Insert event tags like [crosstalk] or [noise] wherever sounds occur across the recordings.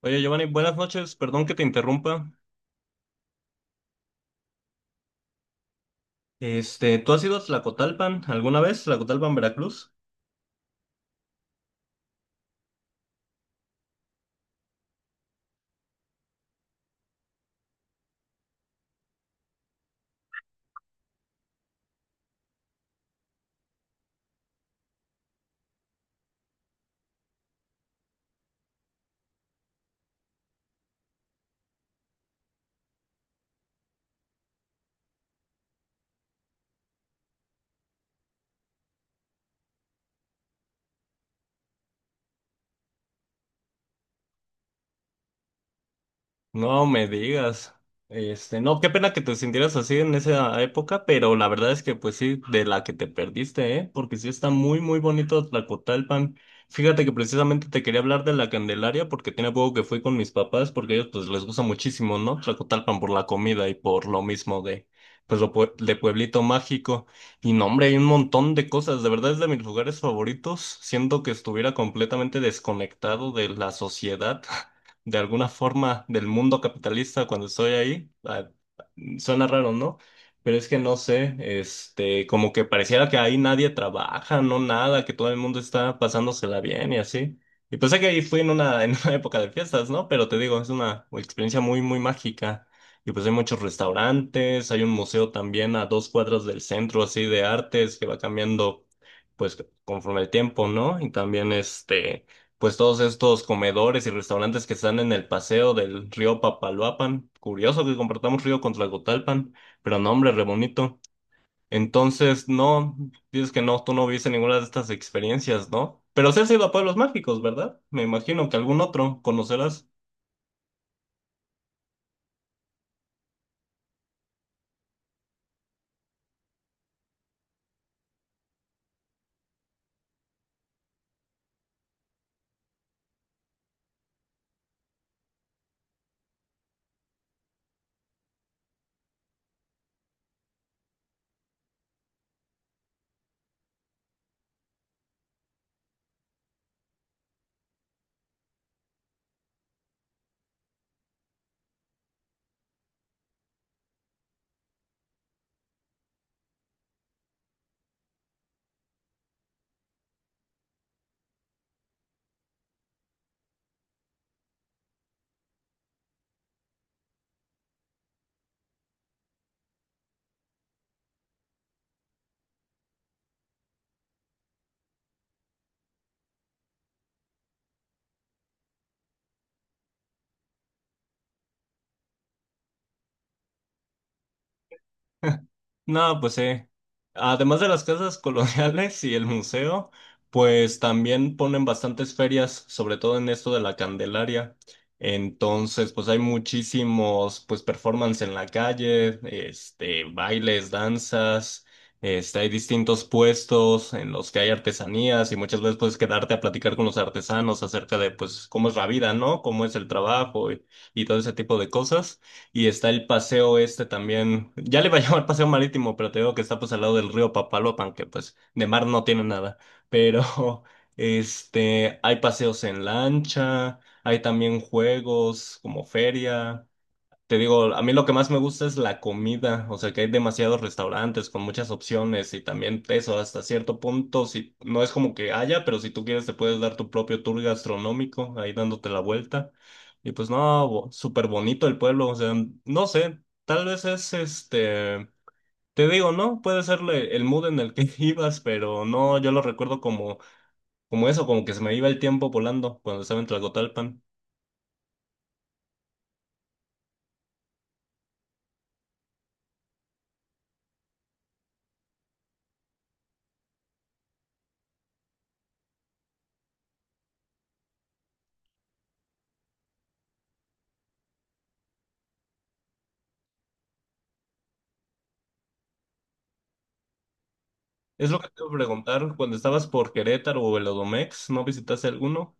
Oye, Giovanni, buenas noches. Perdón que te interrumpa. ¿Tú has ido a Tlacotalpan alguna vez? ¿Tlacotalpan, Veracruz? No me digas. No, qué pena que te sintieras así en esa época, pero la verdad es que pues sí, de la que te perdiste, ¿eh? Porque sí está muy, muy bonito Tlacotalpan. Fíjate que precisamente te quería hablar de la Candelaria porque tiene poco que fui con mis papás porque a ellos pues les gusta muchísimo, ¿no? Tlacotalpan por la comida y por lo mismo de, pues de Pueblito Mágico. Y no, hombre, hay un montón de cosas. De verdad es de mis lugares favoritos. Siento que estuviera completamente desconectado de la sociedad de alguna forma del mundo capitalista cuando estoy ahí. Ah, suena raro, ¿no? Pero es que no sé, como que pareciera que ahí nadie trabaja, no nada, que todo el mundo está pasándosela bien y así. Y pues sé que ahí fui en una, [laughs] en una época de fiestas, ¿no? Pero te digo, es una experiencia muy, muy mágica. Y pues hay muchos restaurantes, hay un museo también a 2 cuadras del centro, así de artes, que va cambiando, pues, conforme el tiempo, ¿no? Y también pues todos estos comedores y restaurantes que están en el paseo del río Papaloapan. Curioso que compartamos río con Tlacotalpan, pero no, hombre, re bonito. Entonces, no, dices que no, tú no viste ninguna de estas experiencias, ¿no? Pero sí has ido a pueblos mágicos, ¿verdad? Me imagino que algún otro conocerás. No, pues sí. Además de las casas coloniales y el museo, pues también ponen bastantes ferias, sobre todo en esto de la Candelaria. Entonces, pues hay muchísimos, pues performance en la calle, bailes, danzas, hay distintos puestos en los que hay artesanías y muchas veces puedes quedarte a platicar con los artesanos acerca de, pues, cómo es la vida, ¿no? Cómo es el trabajo y todo ese tipo de cosas. Y está el paseo este también. Ya le iba a [laughs] llamar paseo marítimo, pero te digo que está pues al lado del río Papaloapan, que pues de mar no tiene nada. Pero [laughs] hay paseos en lancha, hay también juegos como feria. Te digo, a mí lo que más me gusta es la comida, o sea que hay demasiados restaurantes con muchas opciones y también eso hasta cierto punto, si no es como que haya, pero si tú quieres te puedes dar tu propio tour gastronómico ahí dándote la vuelta. Y pues no, súper bonito el pueblo, o sea, no sé, tal vez es te digo, ¿no? Puede ser el mood en el que [laughs] ibas, pero no, yo lo recuerdo como, como eso, como que se me iba el tiempo volando cuando estaba en Tlacotalpan. Es lo que te iba a preguntar, cuando estabas por Querétaro o el Odomex, ¿no visitaste alguno?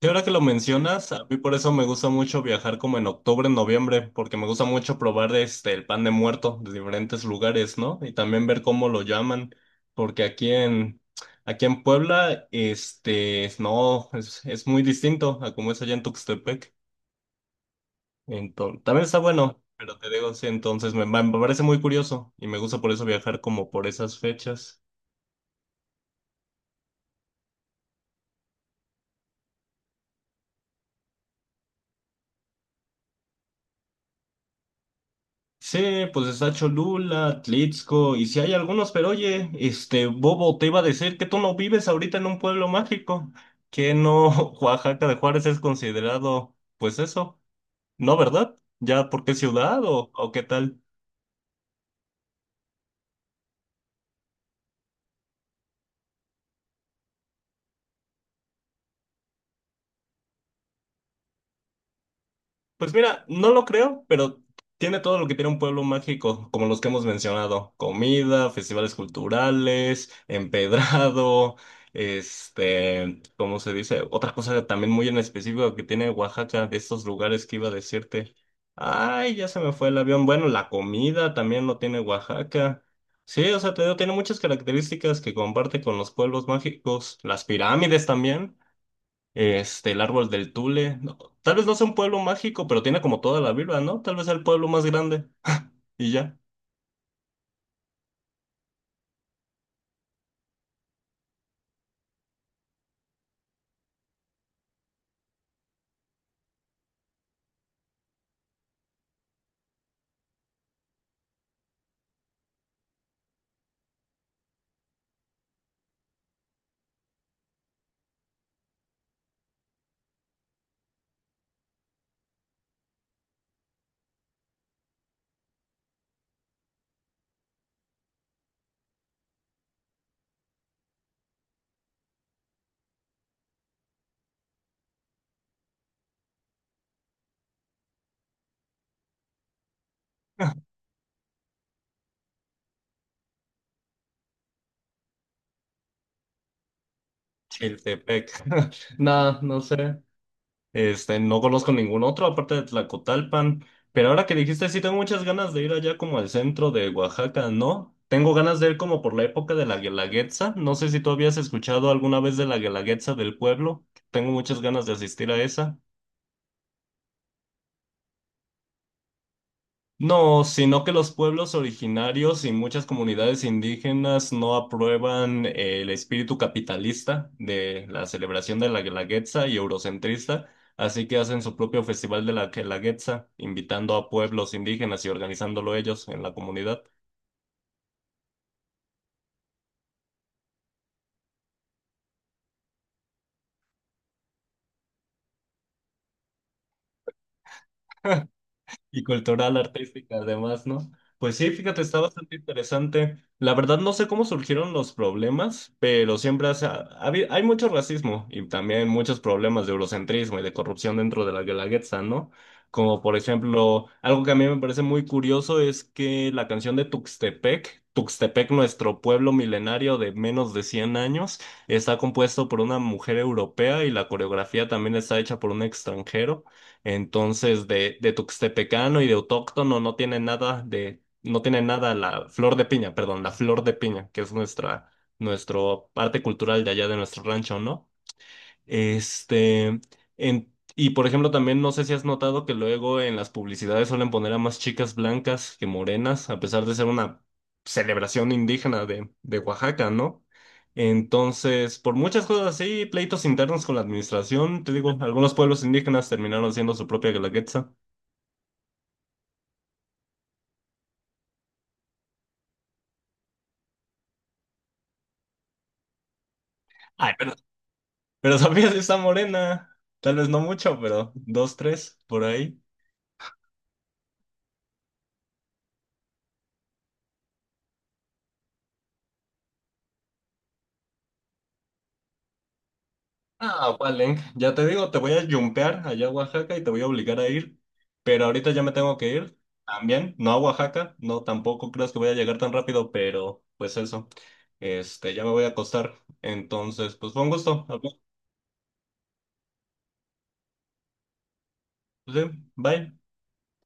Y ahora que lo mencionas, a mí por eso me gusta mucho viajar como en octubre, noviembre, porque me gusta mucho probar el pan de muerto de diferentes lugares, ¿no? Y también ver cómo lo llaman, porque aquí en Puebla, no, es muy distinto a como es allá en Tuxtepec. Entonces, también está bueno, pero te digo, sí, entonces me parece muy curioso y me gusta por eso viajar como por esas fechas. Sí, pues está Cholula, Tlitzco, y si hay algunos, pero oye, este Bobo te iba a decir que tú no vives ahorita en un pueblo mágico, que no [laughs] Oaxaca de Juárez es considerado, pues eso, ¿no, verdad? ¿Ya porque ciudad o qué tal? Pues mira, no lo creo, pero tiene todo lo que tiene un pueblo mágico, como los que hemos mencionado. Comida, festivales culturales, empedrado, ¿cómo se dice? Otra cosa también muy en específico que tiene Oaxaca, de estos lugares que iba a decirte. Ay, ya se me fue el avión. Bueno, la comida también lo tiene Oaxaca. Sí, o sea, te digo, tiene muchas características que comparte con los pueblos mágicos. Las pirámides también. El árbol del Tule. No, tal vez no sea un pueblo mágico, pero tiene como toda la vibra, ¿no? Tal vez sea el pueblo más grande. [laughs] Y ya. Chiltepec. [laughs] No, no sé. No conozco ningún otro aparte de Tlacotalpan. Pero ahora que dijiste, sí tengo muchas ganas de ir allá como al centro de Oaxaca, ¿no? Tengo ganas de ir como por la época de la Guelaguetza. No sé si tú habías escuchado alguna vez de la Guelaguetza del pueblo. Tengo muchas ganas de asistir a esa. No, sino que los pueblos originarios y muchas comunidades indígenas no aprueban el espíritu capitalista de la celebración de la Guelaguetza y eurocentrista, así que hacen su propio festival de la Guelaguetza, invitando a pueblos indígenas y organizándolo ellos en la comunidad. [laughs] Y cultural, artística, además, ¿no? Pues sí, fíjate, está bastante interesante. La verdad, no sé cómo surgieron los problemas, pero siempre hay mucho racismo y también muchos problemas de eurocentrismo y de corrupción dentro de la Guelaguetza, ¿no? Como por ejemplo, algo que a mí me parece muy curioso es que la canción de Tuxtepec, Tuxtepec, nuestro pueblo milenario de menos de 100 años, está compuesto por una mujer europea y la coreografía también está hecha por un extranjero. Entonces, de tuxtepecano y de autóctono no tiene nada de, no tiene nada la flor de piña, perdón, la flor de piña, que es nuestra, nuestro arte cultural de allá de nuestro rancho, ¿no? Este, y por ejemplo, también no sé si has notado que luego en las publicidades suelen poner a más chicas blancas que morenas, a pesar de ser una celebración indígena de Oaxaca, ¿no? Entonces, por muchas cosas así, pleitos internos con la administración, te digo, algunos pueblos indígenas terminaron haciendo su propia guelaguetza. Ay, pero, pero [laughs] sabías esa morena, tal vez no mucho, pero dos, tres, por ahí. Ah, Valen, ya te digo, te voy a jumpear allá a Oaxaca y te voy a obligar a ir, pero ahorita ya me tengo que ir también, no a Oaxaca, no tampoco creas que voy a llegar tan rápido, pero pues eso, ya me voy a acostar, entonces, pues fue un gusto, hablar, sí, bye.